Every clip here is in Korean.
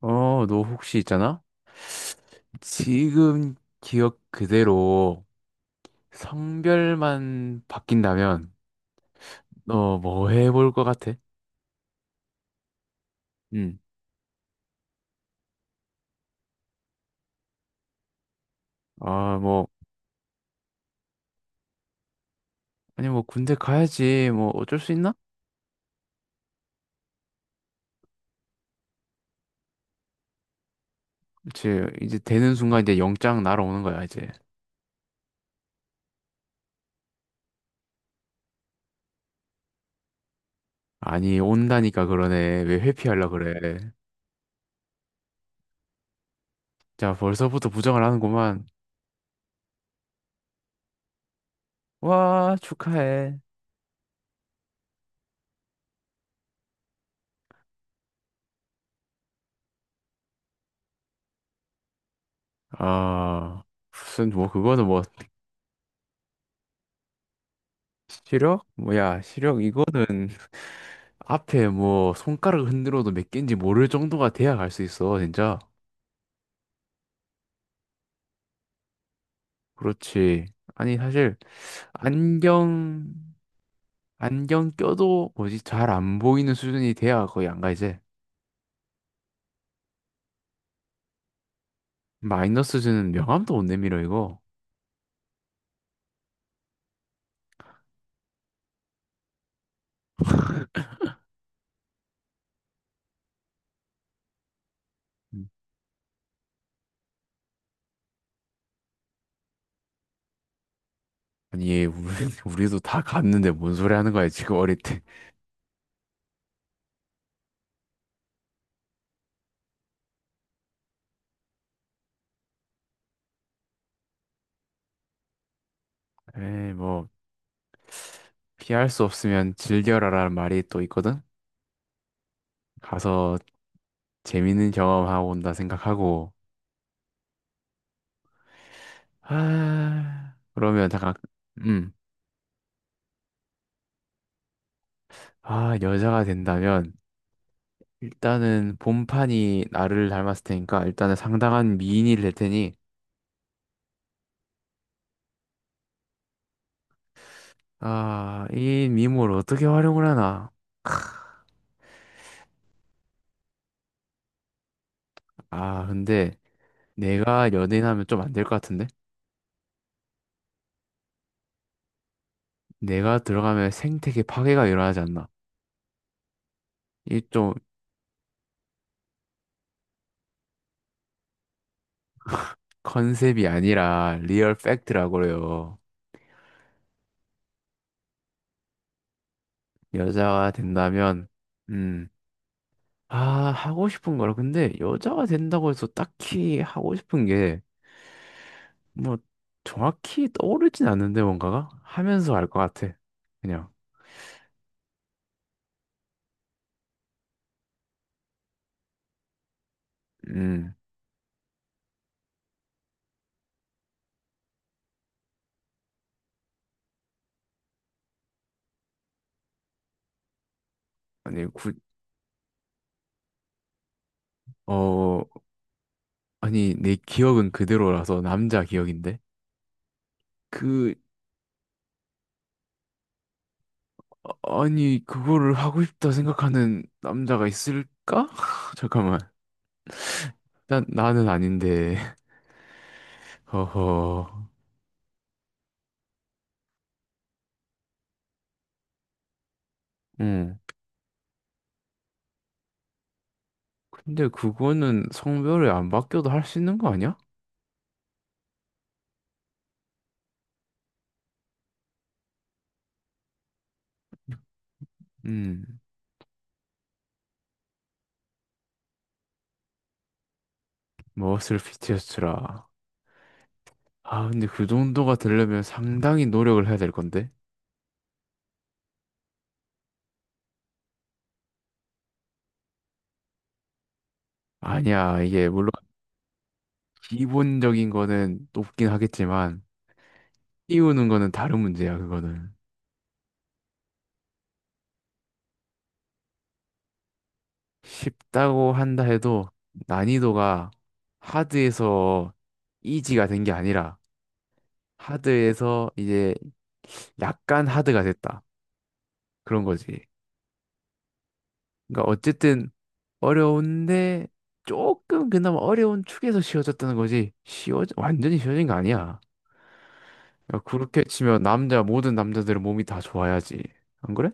어, 너 혹시 있잖아? 지금 기억 그대로 성별만 바뀐다면 너 뭐 해볼 것 같아? 응. 아, 뭐, 아니 뭐 군대 가야지. 뭐 어쩔 수 있나? 그치. 이제 되는 순간 이제 영장 날아오는 거야, 이제. 아니, 온다니까 그러네. 왜 회피하려 그래. 자, 벌써부터 부정을 하는구만. 와, 축하해. 아, 무슨 뭐 그거는 뭐 시력? 뭐야, 시력 이거는 앞에 뭐 손가락 흔들어도 몇 개인지 모를 정도가 돼야 갈 수 있어, 진짜. 그렇지. 아니, 사실 안경 안경 껴도 뭐지 잘 안 보이는 수준이 돼야 거의 안 가 이제. 마이너스 수준은 명함도 못 내밀어 이거. 음. 아니, 얘 우리, 우리도 다 갔는데 뭔 소리 하는 거야, 지금 어릴 때. 에이, 뭐 피할 수 없으면 즐겨라라는 말이 또 있거든. 가서 재밌는 경험하고 온다 생각하고. 아, 그러면 잠깐. 음. 아, 여자가 된다면 일단은 본판이 나를 닮았을 테니까 일단은 상당한 미인이 될 테니, 아, 이 미모를 어떻게 활용을 하나? 아, 근데 내가 연예인하면 좀 안 될 것 같은데? 내가 들어가면 생태계 파괴가 일어나지 않나? 이 좀 컨셉이 아니라 리얼 팩트라고 그래요. 여자가 된다면, 음, 아, 하고 싶은 거라. 근데 여자가 된다고 해서 딱히 하고 싶은 게 뭐 정확히 떠오르진 않는데 뭔가가 하면서 알 것 같아. 그냥 음 아니 구, 어 아니 내 기억은 그대로라서 남자 기억인데, 그 아니 그거를 하고 싶다 생각하는 남자가 있을까? 잠깐만, 난 나는 아닌데. 허허. 음 근데 그거는 성별이 안 바뀌어도 할 수 있는 거 아니야? 음 머슬 피티어스라. 아, 근데 그 정도가 되려면 상당히 노력을 해야 될 건데. 아니야. 이게 물론 기본적인 거는 높긴 하겠지만 띄우는 거는 다른 문제야, 그거는. 쉽다고 한다 해도 난이도가 하드에서 이지가 된 게 아니라 하드에서 이제 약간 하드가 됐다. 그런 거지. 그러니까 어쨌든 어려운데 조금 그나마 어려운 축에서 쉬워졌다는 거지. 쉬워, 완전히 쉬워진 거 아니야. 그러니까 그렇게 치면 남자, 모든 남자들은 몸이 다 좋아야지. 안 그래?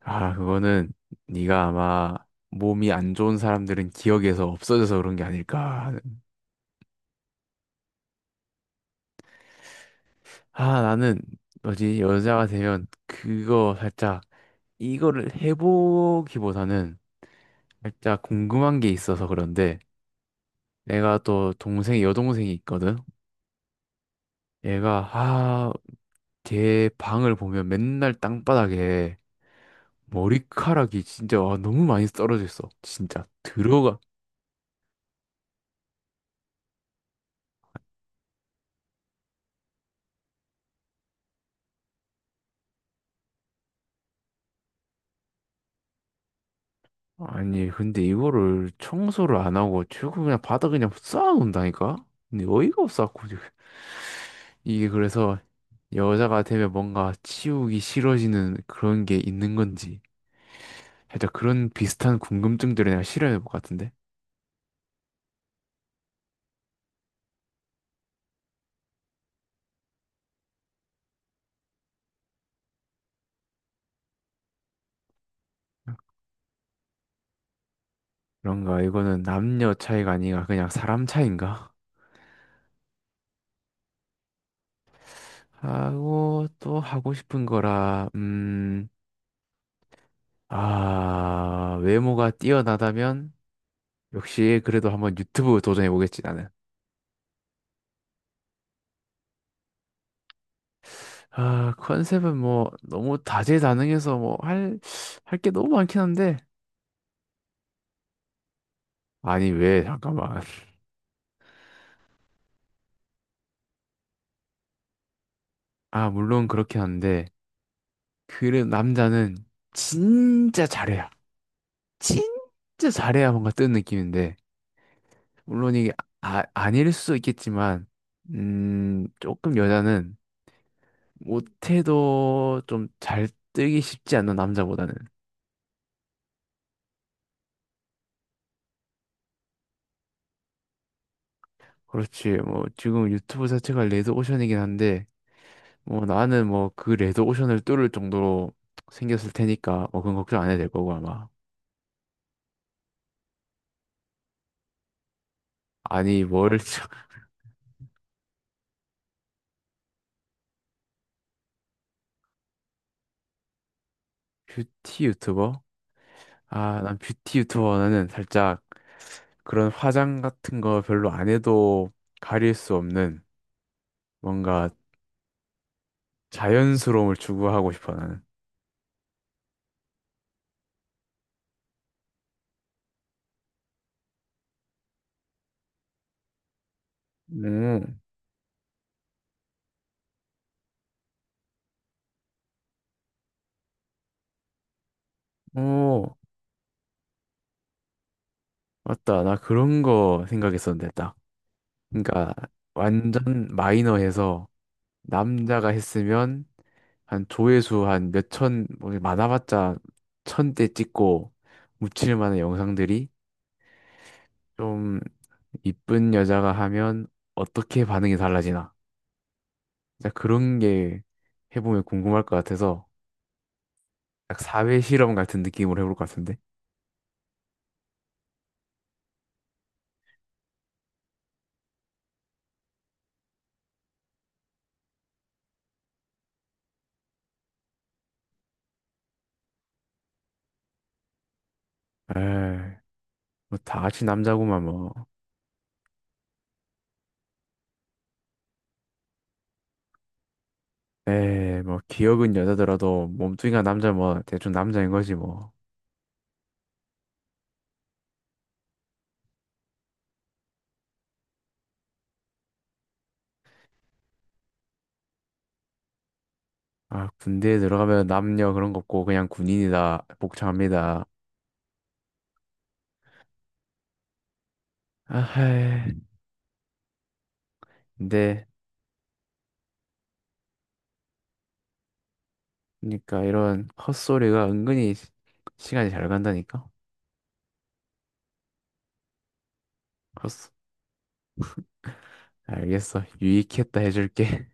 아, 그거는 네가 아마 몸이 안 좋은 사람들은 기억에서 없어져서 그런 게 아닐까 하는. 아, 나는 뭐지? 여자가 되면 그거 살짝 이거를 해보기보다는 살짝 궁금한 게 있어서 그런데, 내가 또 동생이 여동생이 있거든. 얘가 아, 걔 방을 보면 맨날 땅바닥에 머리카락이 진짜, 와, 너무 많이 떨어져 있어. 진짜 들어가. 아니, 근데 이거를 청소를 안 하고 최고 그냥 바닥 그냥 쌓아놓는다니까? 근데 어이가 없어갖고 지금. 이게 그래서 여자가 되면 뭔가 치우기 싫어지는 그런 게 있는 건지, 살짝 그런 비슷한 궁금증들을 내가 실현해 볼 것 같은데. 그런가, 이거는 남녀 차이가 아니라 그냥 사람 차이인가? 하고, 또 하고 싶은 거라. 음. 아. 외모가 뛰어나다면 역시 그래도 한번 유튜브 도전해 보겠지, 나는. 아, 컨셉은 뭐 너무 다재다능해서 뭐 할 게 너무 많긴 한데. 아니, 왜, 잠깐만. 아, 물론 그렇긴 한데. 그 남자는 진짜 잘해야. 진짜 잘해야 뭔가 뜨는 느낌인데. 물론 이게, 아닐 수도 있겠지만, 조금 여자는 못해도 좀 잘 뜨기 쉽지 않나, 남자보다는. 그렇지. 뭐 지금 유튜브 자체가 레드오션이긴 한데, 뭐 나는 뭐 그 레드 오션을 뚫을 정도로 생겼을 테니까 뭐 그건 걱정 안 해도 될 거고, 아마. 아니 뭘 참- 뷰티 유튜버? 아, 난 뷰티 유튜버는 살짝 그런 화장 같은 거 별로 안 해도 가릴 수 없는 뭔가 자연스러움을 추구하고 싶어, 나는. 음, 오, 맞다. 나 그런 거 생각했었는데 딱. 그러니까 완전 마이너해서 남자가 했으면 한 조회수 한 몇천, 뭐 많아봤자 천 대 찍고 묻힐 만한 영상들이 좀, 이쁜 여자가 하면 어떻게 반응이 달라지나. 진짜 그런 게 해보면 궁금할 것 같아서, 약 사회 실험 같은 느낌으로 해볼 것 같은데. 에이, 뭐다 같이 남자구만 뭐. 에이, 뭐 기억은 여자더라도 몸뚱이가 남자, 뭐 대충 남자인 거지 뭐. 아, 군대에 들어가면 남녀 그런 거 없고 그냥 군인이다, 복창합니다. 아하. 근데 그러니까 이런 헛소리가 은근히 시간이 잘 간다니까. 헛소... 알겠어. 유익했다 해줄게.